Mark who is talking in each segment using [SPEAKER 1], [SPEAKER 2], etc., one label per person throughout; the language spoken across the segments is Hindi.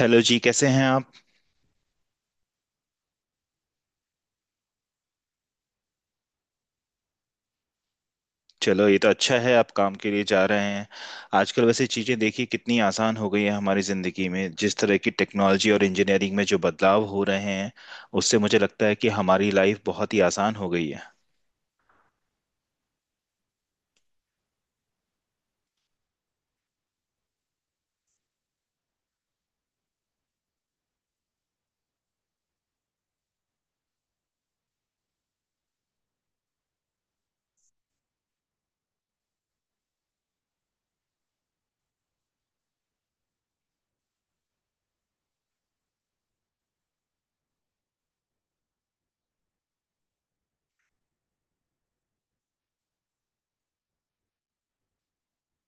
[SPEAKER 1] हेलो जी, कैसे हैं आप। चलो, ये तो अच्छा है आप काम के लिए जा रहे हैं। आजकल वैसे चीज़ें देखिए कितनी आसान हो गई है हमारी ज़िंदगी में। जिस तरह की टेक्नोलॉजी और इंजीनियरिंग में जो बदलाव हो रहे हैं, उससे मुझे लगता है कि हमारी लाइफ बहुत ही आसान हो गई है।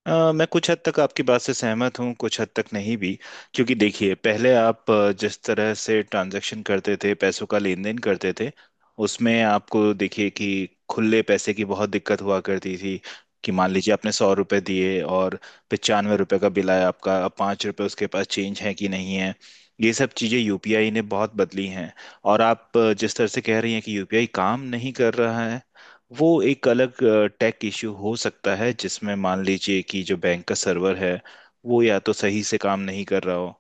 [SPEAKER 1] मैं कुछ हद तक आपकी बात से सहमत हूँ, कुछ हद तक नहीं भी। क्योंकि देखिए, पहले आप जिस तरह से ट्रांजैक्शन करते थे, पैसों का लेन देन करते थे, उसमें आपको देखिए कि खुले पैसे की बहुत दिक्कत हुआ करती थी। कि मान लीजिए आपने 100 रुपये दिए और 95 रुपये का बिल आया आपका, अब 5 रुपये उसके पास चेंज है कि नहीं है। ये सब चीज़ें यूपीआई ने बहुत बदली हैं। और आप जिस तरह से कह रही हैं कि यूपीआई काम नहीं कर रहा है, वो एक अलग टेक इश्यू हो सकता है, जिसमें मान लीजिए कि जो बैंक का सर्वर है वो या तो सही से काम नहीं कर रहा हो।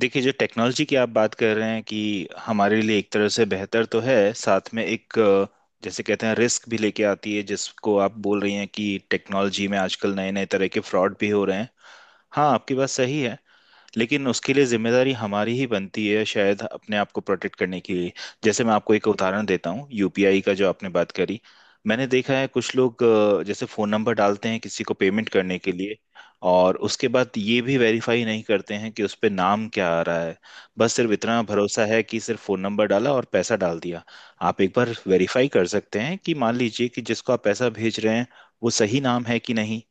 [SPEAKER 1] देखिए, जो टेक्नोलॉजी की आप बात कर रहे हैं कि हमारे लिए एक तरह से बेहतर तो है, साथ में एक जैसे कहते हैं, रिस्क भी लेके आती है, जिसको आप बोल रही हैं कि टेक्नोलॉजी में आजकल नए नए तरह के फ्रॉड भी हो रहे हैं। हाँ, आपकी बात सही है, लेकिन उसके लिए जिम्मेदारी हमारी ही बनती है शायद, अपने आप को प्रोटेक्ट करने के लिए। जैसे मैं आपको एक उदाहरण देता हूँ यूपीआई का, जो आपने बात करी। मैंने देखा है कुछ लोग जैसे फोन नंबर डालते हैं किसी को पेमेंट करने के लिए, और उसके बाद ये भी वेरीफाई नहीं करते हैं कि उस पे नाम क्या आ रहा है। बस सिर्फ इतना भरोसा है कि सिर्फ फोन नंबर डाला और पैसा डाल दिया। आप एक बार वेरीफाई कर सकते हैं कि मान लीजिए कि जिसको आप पैसा भेज रहे हैं, वो सही नाम है कि नहीं।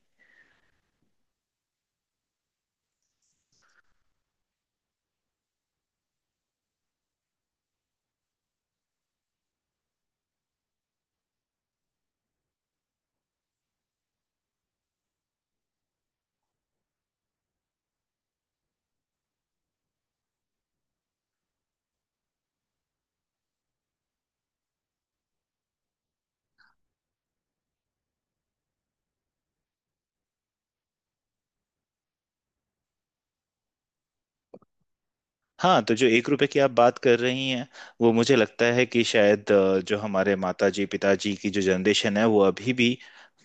[SPEAKER 1] हाँ, तो जो 1 रुपए की आप बात कर रही हैं, वो मुझे लगता है कि शायद जो हमारे माता जी पिताजी की जो जनरेशन है, वो अभी भी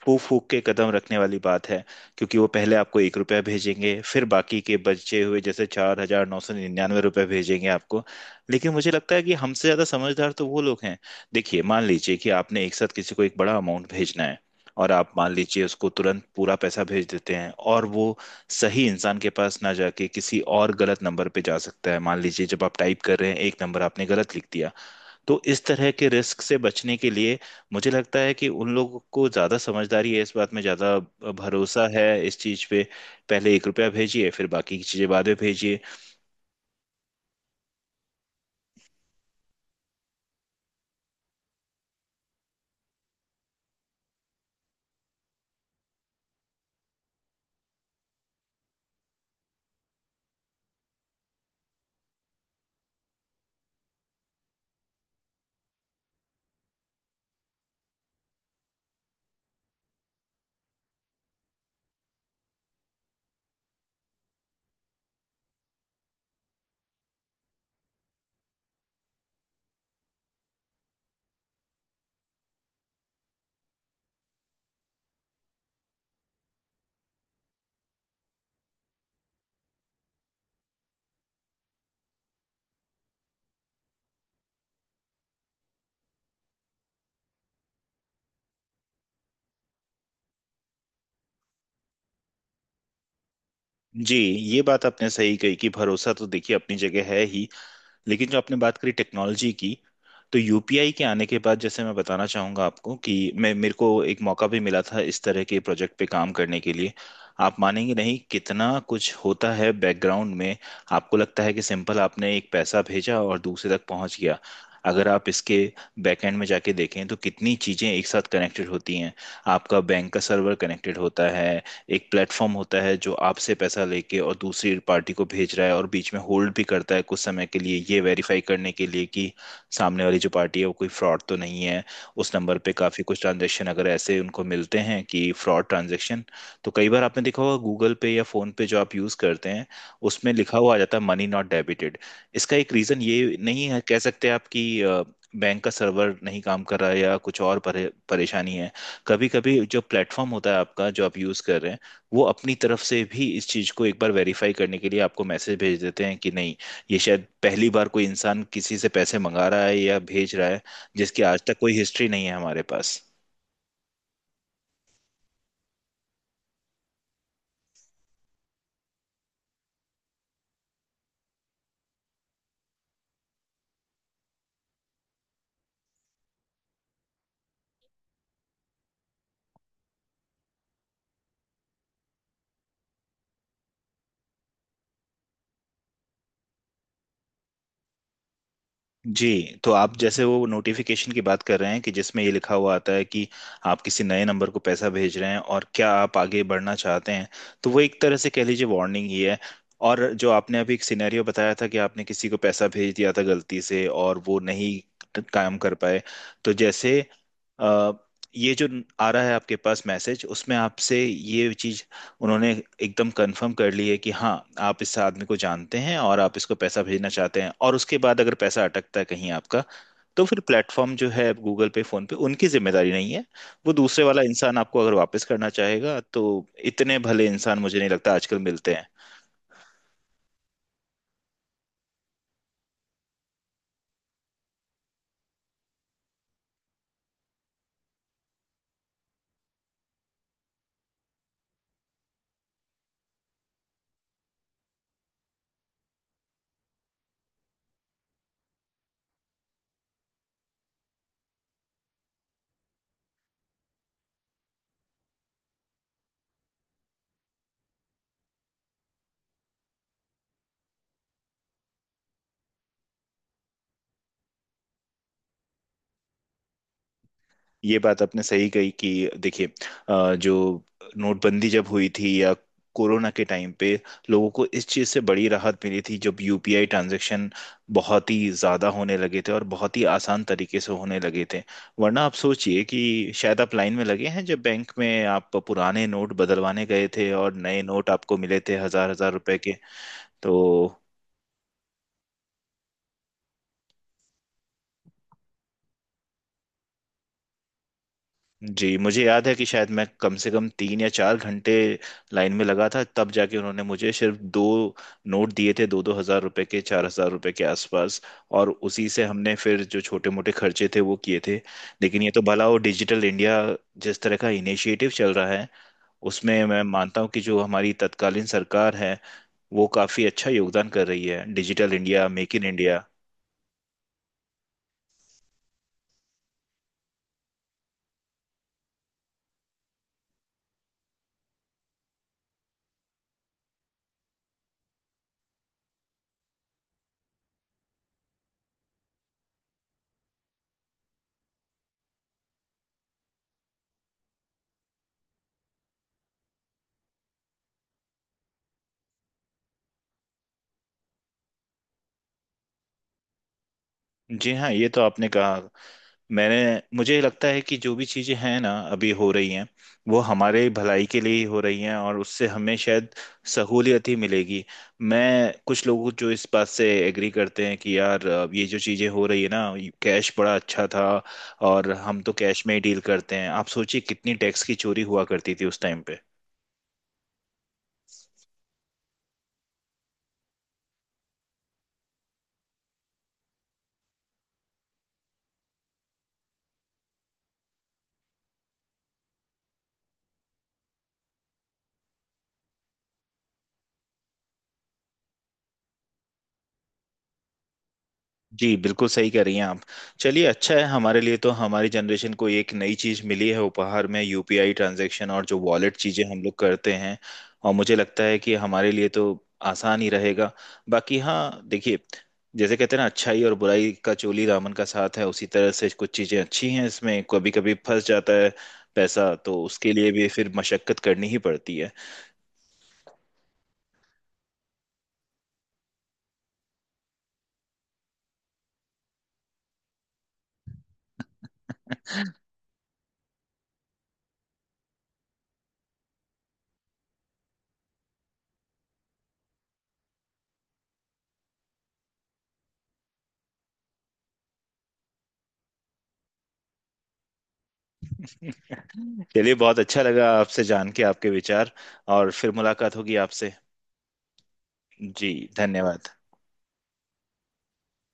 [SPEAKER 1] फूक फूक के कदम रखने वाली बात है। क्योंकि वो पहले आपको 1 रुपया भेजेंगे, फिर बाकी के बचे हुए जैसे 4,999 रुपये भेजेंगे आपको। लेकिन मुझे लगता है कि हमसे ज़्यादा समझदार तो वो लोग हैं। देखिए, मान लीजिए कि आपने एक साथ किसी को एक बड़ा अमाउंट भेजना है, और आप मान लीजिए उसको तुरंत पूरा पैसा भेज देते हैं, और वो सही इंसान के पास ना जाके किसी और गलत नंबर पे जा सकता है। मान लीजिए जब आप टाइप कर रहे हैं, एक नंबर आपने गलत लिख दिया। तो इस तरह के रिस्क से बचने के लिए मुझे लगता है कि उन लोगों को ज़्यादा समझदारी है, इस बात में ज़्यादा भरोसा है इस चीज़ पे। पहले 1 रुपया भेजिए, फिर बाकी की चीज़ें बाद में भेजिए। जी, ये बात आपने सही कही कि भरोसा तो देखिए अपनी जगह है ही, लेकिन जो आपने बात करी टेक्नोलॉजी की, तो यूपीआई के आने के बाद, जैसे मैं बताना चाहूँगा आपको कि मैं मेरे को एक मौका भी मिला था इस तरह के प्रोजेक्ट पे काम करने के लिए। आप मानेंगे नहीं कितना कुछ होता है बैकग्राउंड में। आपको लगता है कि सिंपल आपने एक पैसा भेजा और दूसरे तक पहुंच गया। अगर आप इसके बैकएंड में जाके देखें, तो कितनी चीज़ें एक साथ कनेक्टेड होती हैं। आपका बैंक का सर्वर कनेक्टेड होता है, एक प्लेटफॉर्म होता है जो आपसे पैसा लेके और दूसरी पार्टी को भेज रहा है, और बीच में होल्ड भी करता है कुछ समय के लिए, ये वेरीफाई करने के लिए कि सामने वाली जो पार्टी है वो कोई फ्रॉड तो नहीं है। उस नंबर पे काफ़ी कुछ ट्रांजेक्शन अगर ऐसे उनको मिलते हैं कि फ्रॉड ट्रांजेक्शन, तो कई बार आपने देखा होगा गूगल पे या फोन पे जो आप यूज़ करते हैं, उसमें लिखा हुआ आ जाता है मनी नॉट डेबिटेड। इसका एक रीज़न ये नहीं है, कह सकते आप कि बैंक का सर्वर नहीं काम कर रहा है या कुछ और परेशानी है। कभी कभी जो प्लेटफॉर्म होता है आपका, जो आप यूज़ कर रहे हैं, वो अपनी तरफ से भी इस चीज को एक बार वेरीफाई करने के लिए आपको मैसेज भेज देते हैं कि नहीं, ये शायद पहली बार कोई इंसान किसी से पैसे मंगा रहा है या भेज रहा है, जिसकी आज तक कोई हिस्ट्री नहीं है हमारे पास। जी, तो आप जैसे वो नोटिफिकेशन की बात कर रहे हैं, कि जिसमें ये लिखा हुआ आता है कि आप किसी नए नंबर को पैसा भेज रहे हैं और क्या आप आगे बढ़ना चाहते हैं, तो वो एक तरह से कह लीजिए वार्निंग ही है। और जो आपने अभी एक सिनेरियो बताया था कि आपने किसी को पैसा भेज दिया था गलती से और वो नहीं काम कर पाए, तो जैसे अ, ये जो आ रहा है आपके पास मैसेज, उसमें आपसे ये चीज उन्होंने एकदम कंफर्म कर ली है कि हाँ, आप इस आदमी को जानते हैं और आप इसको पैसा भेजना चाहते हैं, और उसके बाद अगर पैसा अटकता है कहीं आपका, तो फिर प्लेटफॉर्म जो है गूगल पे फोन पे, उनकी जिम्मेदारी नहीं है। वो दूसरे वाला इंसान आपको अगर वापस करना चाहेगा तो, इतने भले इंसान मुझे नहीं लगता आजकल मिलते हैं। ये बात आपने सही कही कि देखिए, जो नोटबंदी जब हुई थी या कोरोना के टाइम पे, लोगों को इस चीज़ से बड़ी राहत मिली थी जब यूपीआई ट्रांजैक्शन बहुत ही ज़्यादा होने लगे थे और बहुत ही आसान तरीके से होने लगे थे। वरना आप सोचिए कि शायद आप लाइन में लगे हैं जब बैंक में आप पुराने नोट बदलवाने गए थे और नए नोट आपको मिले थे हज़ार हज़ार रुपए के। तो जी, मुझे याद है कि शायद मैं कम से कम 3 या 4 घंटे लाइन में लगा था, तब जाके उन्होंने मुझे सिर्फ दो नोट दिए थे, 2-2 हजार रुपए के, 4,000 रुपए के आसपास। और उसी से हमने फिर जो छोटे मोटे खर्चे थे वो किए थे। लेकिन ये तो भला वो डिजिटल इंडिया, जिस तरह का इनिशिएटिव चल रहा है, उसमें मैं मानता हूँ कि जो हमारी तत्कालीन सरकार है, वो काफी अच्छा योगदान कर रही है, digital India, make in India. जी हाँ, ये तो आपने कहा। मैंने मुझे लगता है कि जो भी चीजें हैं ना अभी हो रही हैं, वो हमारे भलाई के लिए ही हो रही हैं और उससे हमें शायद सहूलियत ही मिलेगी। मैं कुछ लोगों जो इस बात से एग्री करते हैं कि यार अब ये जो चीजें हो रही है ना, कैश बड़ा अच्छा था और हम तो कैश में ही डील करते हैं, आप सोचिए कितनी टैक्स की चोरी हुआ करती थी उस टाइम पे। जी, बिल्कुल सही कह रही हैं आप। चलिए, अच्छा है हमारे लिए तो, हमारी जनरेशन को एक नई चीज़ मिली है उपहार में, यूपीआई ट्रांजैक्शन और जो वॉलेट चीज़ें हम लोग करते हैं। और मुझे लगता है कि हमारे लिए तो आसान ही रहेगा। बाकी हाँ, देखिए, जैसे कहते हैं ना अच्छाई और बुराई का चोली दामन का साथ है, उसी तरह से कुछ चीज़ें अच्छी हैं, इसमें कभी कभी फंस जाता है पैसा, तो उसके लिए भी फिर मशक्कत करनी ही पड़ती है। चलिए, बहुत अच्छा लगा आपसे जान के आपके विचार, और फिर मुलाकात होगी आपसे। जी, धन्यवाद।